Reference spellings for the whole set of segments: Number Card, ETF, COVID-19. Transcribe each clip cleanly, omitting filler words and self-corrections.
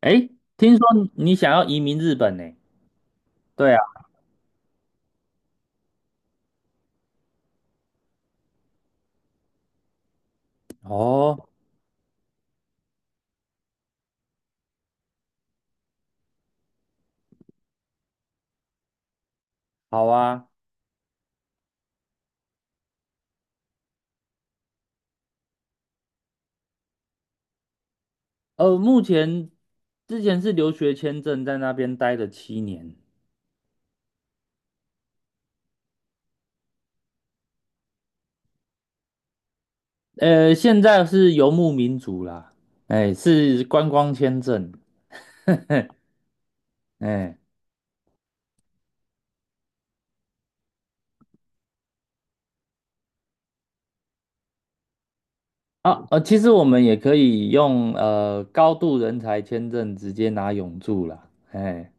诶，听说你想要移民日本呢？对啊。哦。好啊。目前之前是留学签证，在那边待了7年。现在是游牧民族啦。哎，是观光签证。哎。啊。其实我们也可以用高度人才签证直接拿永住啦。哎。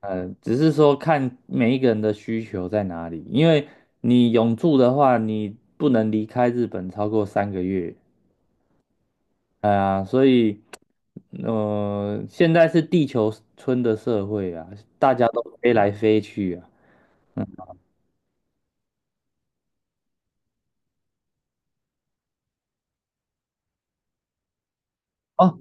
嗯。只是说看每一个人的需求在哪里，因为你永住的话，你不能离开日本超过3个月。哎呀，所以，现在是地球村的社会啊，大家都飞来飞去啊。嗯。哦。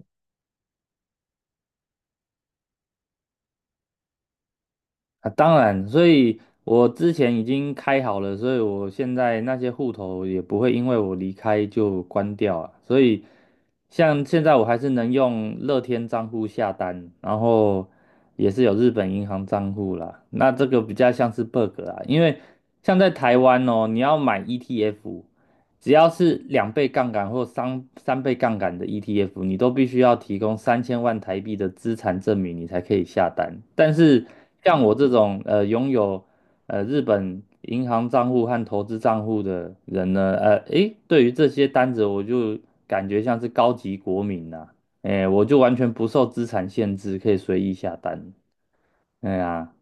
啊，当然，所以我之前已经开好了，所以我现在那些户头也不会因为我离开就关掉啊。所以像现在我还是能用乐天账户下单，然后也是有日本银行账户啦。那这个比较像是 bug 啊，因为像在台湾哦，你要买 ETF。只要是两倍杠杆或三倍杠杆的 ETF，你都必须要提供3000万台币的资产证明，你才可以下单。但是像我这种拥有日本银行账户和投资账户的人呢，诶，对于这些单子，我就感觉像是高级国民呐、啊，诶，我就完全不受资产限制，可以随意下单。哎呀。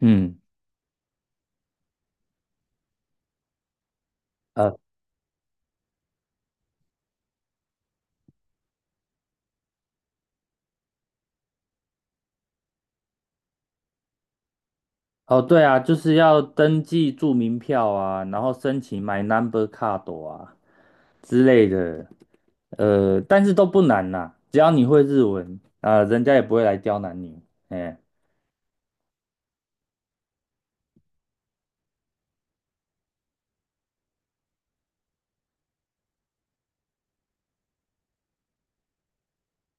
嗯。呃哦，对啊，就是要登记住民票啊，然后申请买 Number Card 啊之类的。但是都不难呐，只要你会日文，啊、人家也不会来刁难你。哎、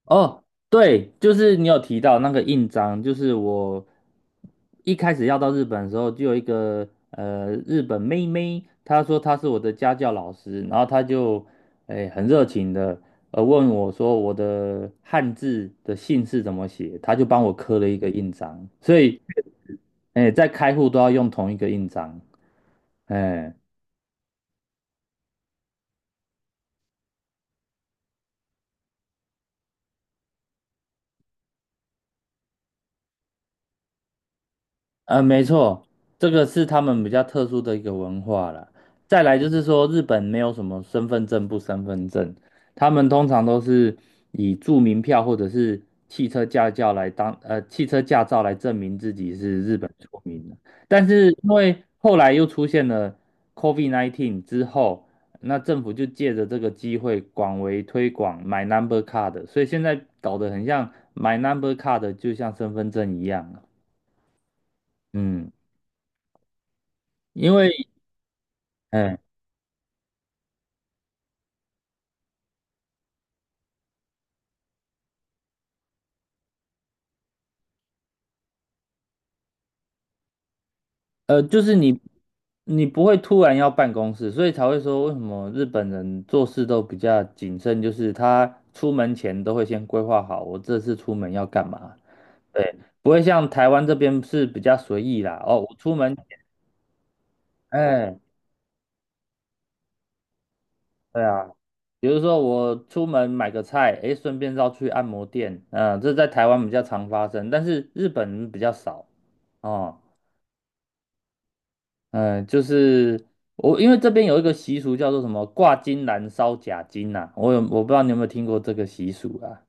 哦，对，就是你有提到那个印章，就是我一开始要到日本的时候，就有一个日本妹妹，她说她是我的家教老师，然后她就很热情的问我说我的汉字的姓氏怎么写，她就帮我刻了一个印章，所以哎在开户都要用同一个印章。哎。没错，这个是他们比较特殊的一个文化了。再来就是说，日本没有什么身份证不身份证，他们通常都是以住民票或者是汽车驾照来当汽车驾照来证明自己是日本国民的。但是因为后来又出现了 COVID-19 之后，那政府就借着这个机会广为推广买 Number Card，所以现在搞得很像买 Number Card 就像身份证一样了。嗯。因为哎，就是你，你不会突然要办公室，所以才会说为什么日本人做事都比较谨慎，就是他出门前都会先规划好，我这次出门要干嘛。对。不会像台湾这边是比较随意啦。哦，我出门。哎。对啊，比如说我出门买个菜，哎，顺便绕去按摩店，嗯、这在台湾比较常发生，但是日本比较少哦。嗯。就是我，因为这边有一个习俗叫做什么挂金兰烧假金呐、我不知道你有没有听过这个习俗啊？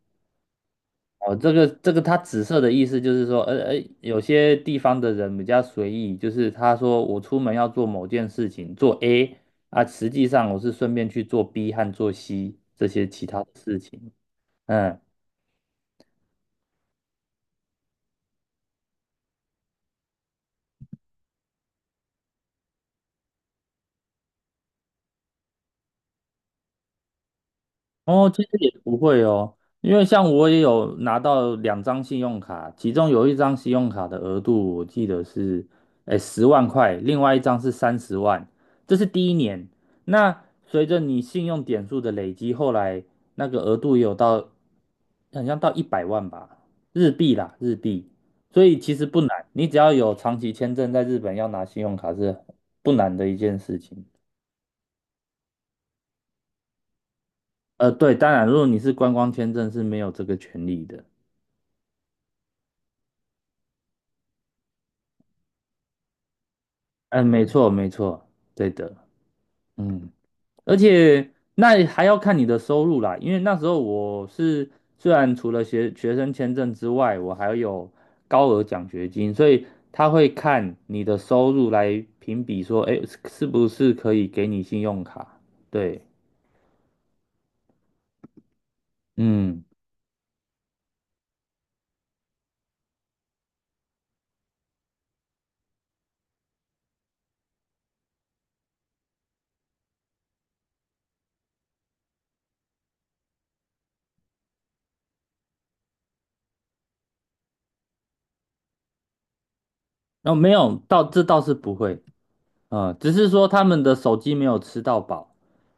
哦，这个它紫色的意思就是说，有些地方的人比较随意，就是他说我出门要做某件事情，做 A 啊，实际上我是顺便去做 B 和做 C 这些其他的事情。嗯。哦，其实也不会哦，因为像我也有拿到两张信用卡，其中有一张信用卡的额度我记得是，诶，十万块。另外一张是30万。这是第一年。那随着你信用点数的累积，后来那个额度也有到，好像到100万吧，日币啦，日币。所以其实不难，你只要有长期签证在日本要拿信用卡是不难的一件事情。对，当然，如果你是观光签证是没有这个权利的。嗯，没错，没错。对的。嗯。而且那还要看你的收入啦，因为那时候我是虽然除了学生签证之外，我还有高额奖学金，所以他会看你的收入来评比说，哎，是不是可以给你信用卡？对。嗯。那没有，到这倒是不会。嗯，只是说他们的手机没有吃到饱。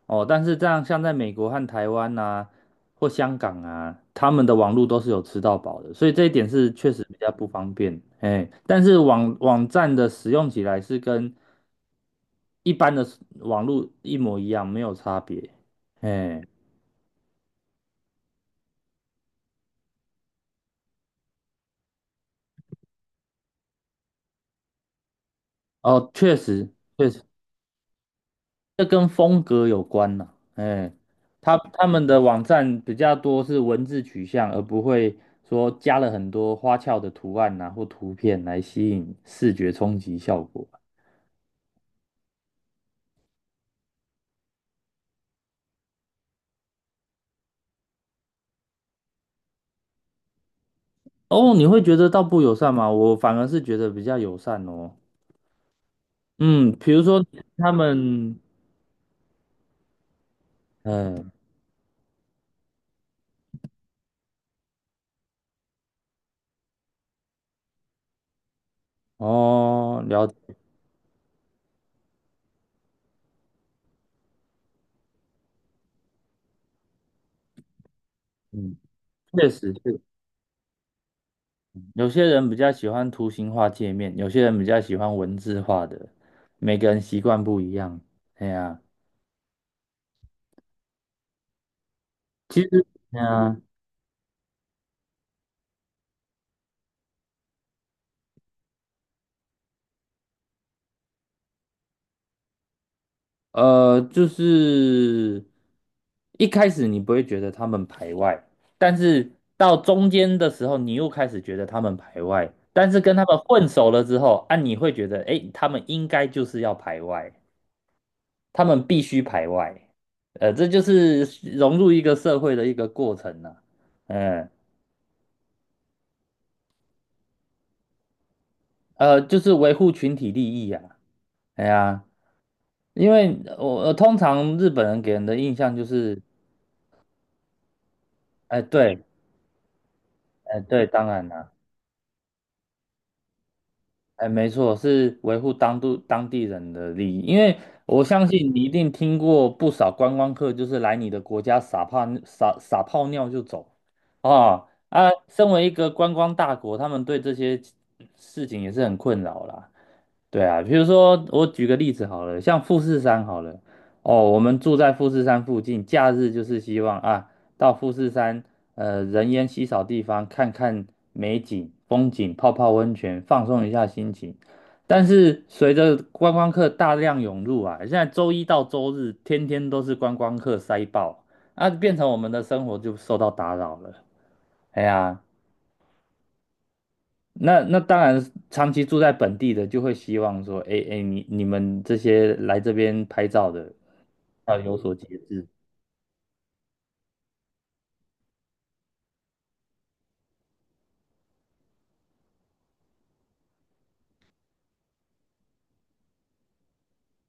哦，但是这样像在美国和台湾呐，或香港啊，他们的网络都是有吃到饱的，所以这一点是确实比较不方便。哎，但是网站的使用起来是跟一般的网络一模一样，没有差别。哎。哦，确实确实，这跟风格有关呐、哎，他们的网站比较多是文字取向，而不会说加了很多花俏的图案呐或图片来吸引视觉冲击效果。哦，你会觉得到不友善吗？我反而是觉得比较友善哦。嗯，比如说他们。嗯。哦。聊。嗯。确实是，有些人比较喜欢图形化界面，有些人比较喜欢文字化的，每个人习惯不一样。哎呀。其实。哎呀。就是一开始你不会觉得他们排外，但是到中间的时候，你又开始觉得他们排外，但是跟他们混熟了之后，啊，你会觉得，诶，他们应该就是要排外，他们必须排外。这就是融入一个社会的一个过程呐、嗯。就是维护群体利益啊。哎呀，因为我、通常日本人给人的印象就是，哎，对。哎，对，当然啦。哎，没错，是维护当地人的利益，因为我相信你一定听过不少观光客，就是来你的国家撒泡尿就走。啊啊，身为一个观光大国，他们对这些事情也是很困扰啦。对啊，比如说我举个例子好了，像富士山好了，哦，我们住在富士山附近，假日就是希望啊，到富士山，人烟稀少地方看看美景、风景，泡泡温泉，放松一下心情。但是随着观光客大量涌入啊，现在周一到周日天天都是观光客塞爆，啊，变成我们的生活就受到打扰了。哎呀。那当然，长期住在本地的就会希望说，哎哎，你们这些来这边拍照的要有所节制。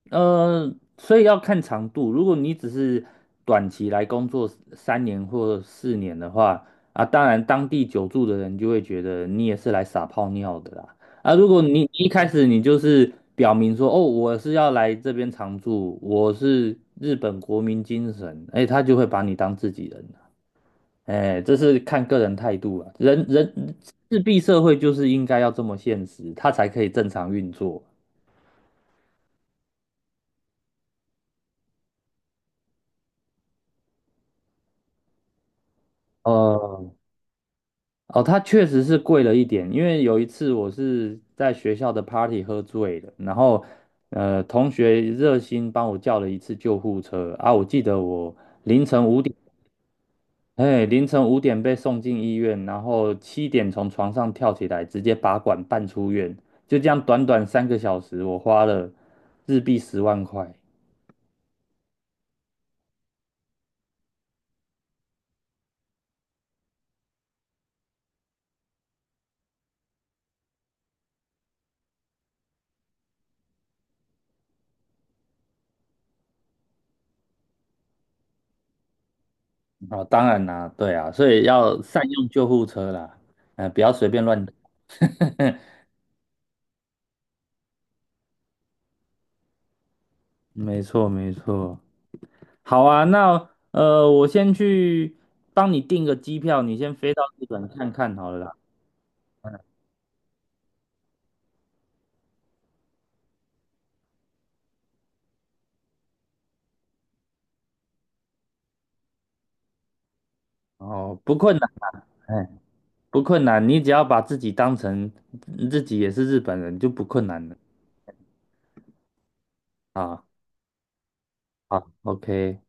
所以要看长度。如果你只是短期来工作3年或4年的话，啊，当然当地久住的人就会觉得你也是来撒泡尿的啦。啊，如果你一开始你就是表明说，哦，我是要来这边常住，我是日本国民精神，哎，他就会把你当自己人。哎，这是看个人态度啊。日币社会就是应该要这么现实，它才可以正常运作。哦。哦，它确实是贵了一点，因为有一次我是在学校的 party 喝醉了，然后同学热心帮我叫了一次救护车啊，我记得我凌晨五点，凌晨五点被送进医院，然后7点从床上跳起来，直接拔管办出院，就这样短短3个小时，我花了日币十万块。哦，当然啦，对啊，所以要善用救护车啦。嗯，不要随便乱等。没错，没错。好啊，那我先去帮你订个机票，你先飞到日本看看好了啦。哦，不困难。哎，不困难，你只要把自己当成自己也是日本人，就不困难了。啊，好，OK。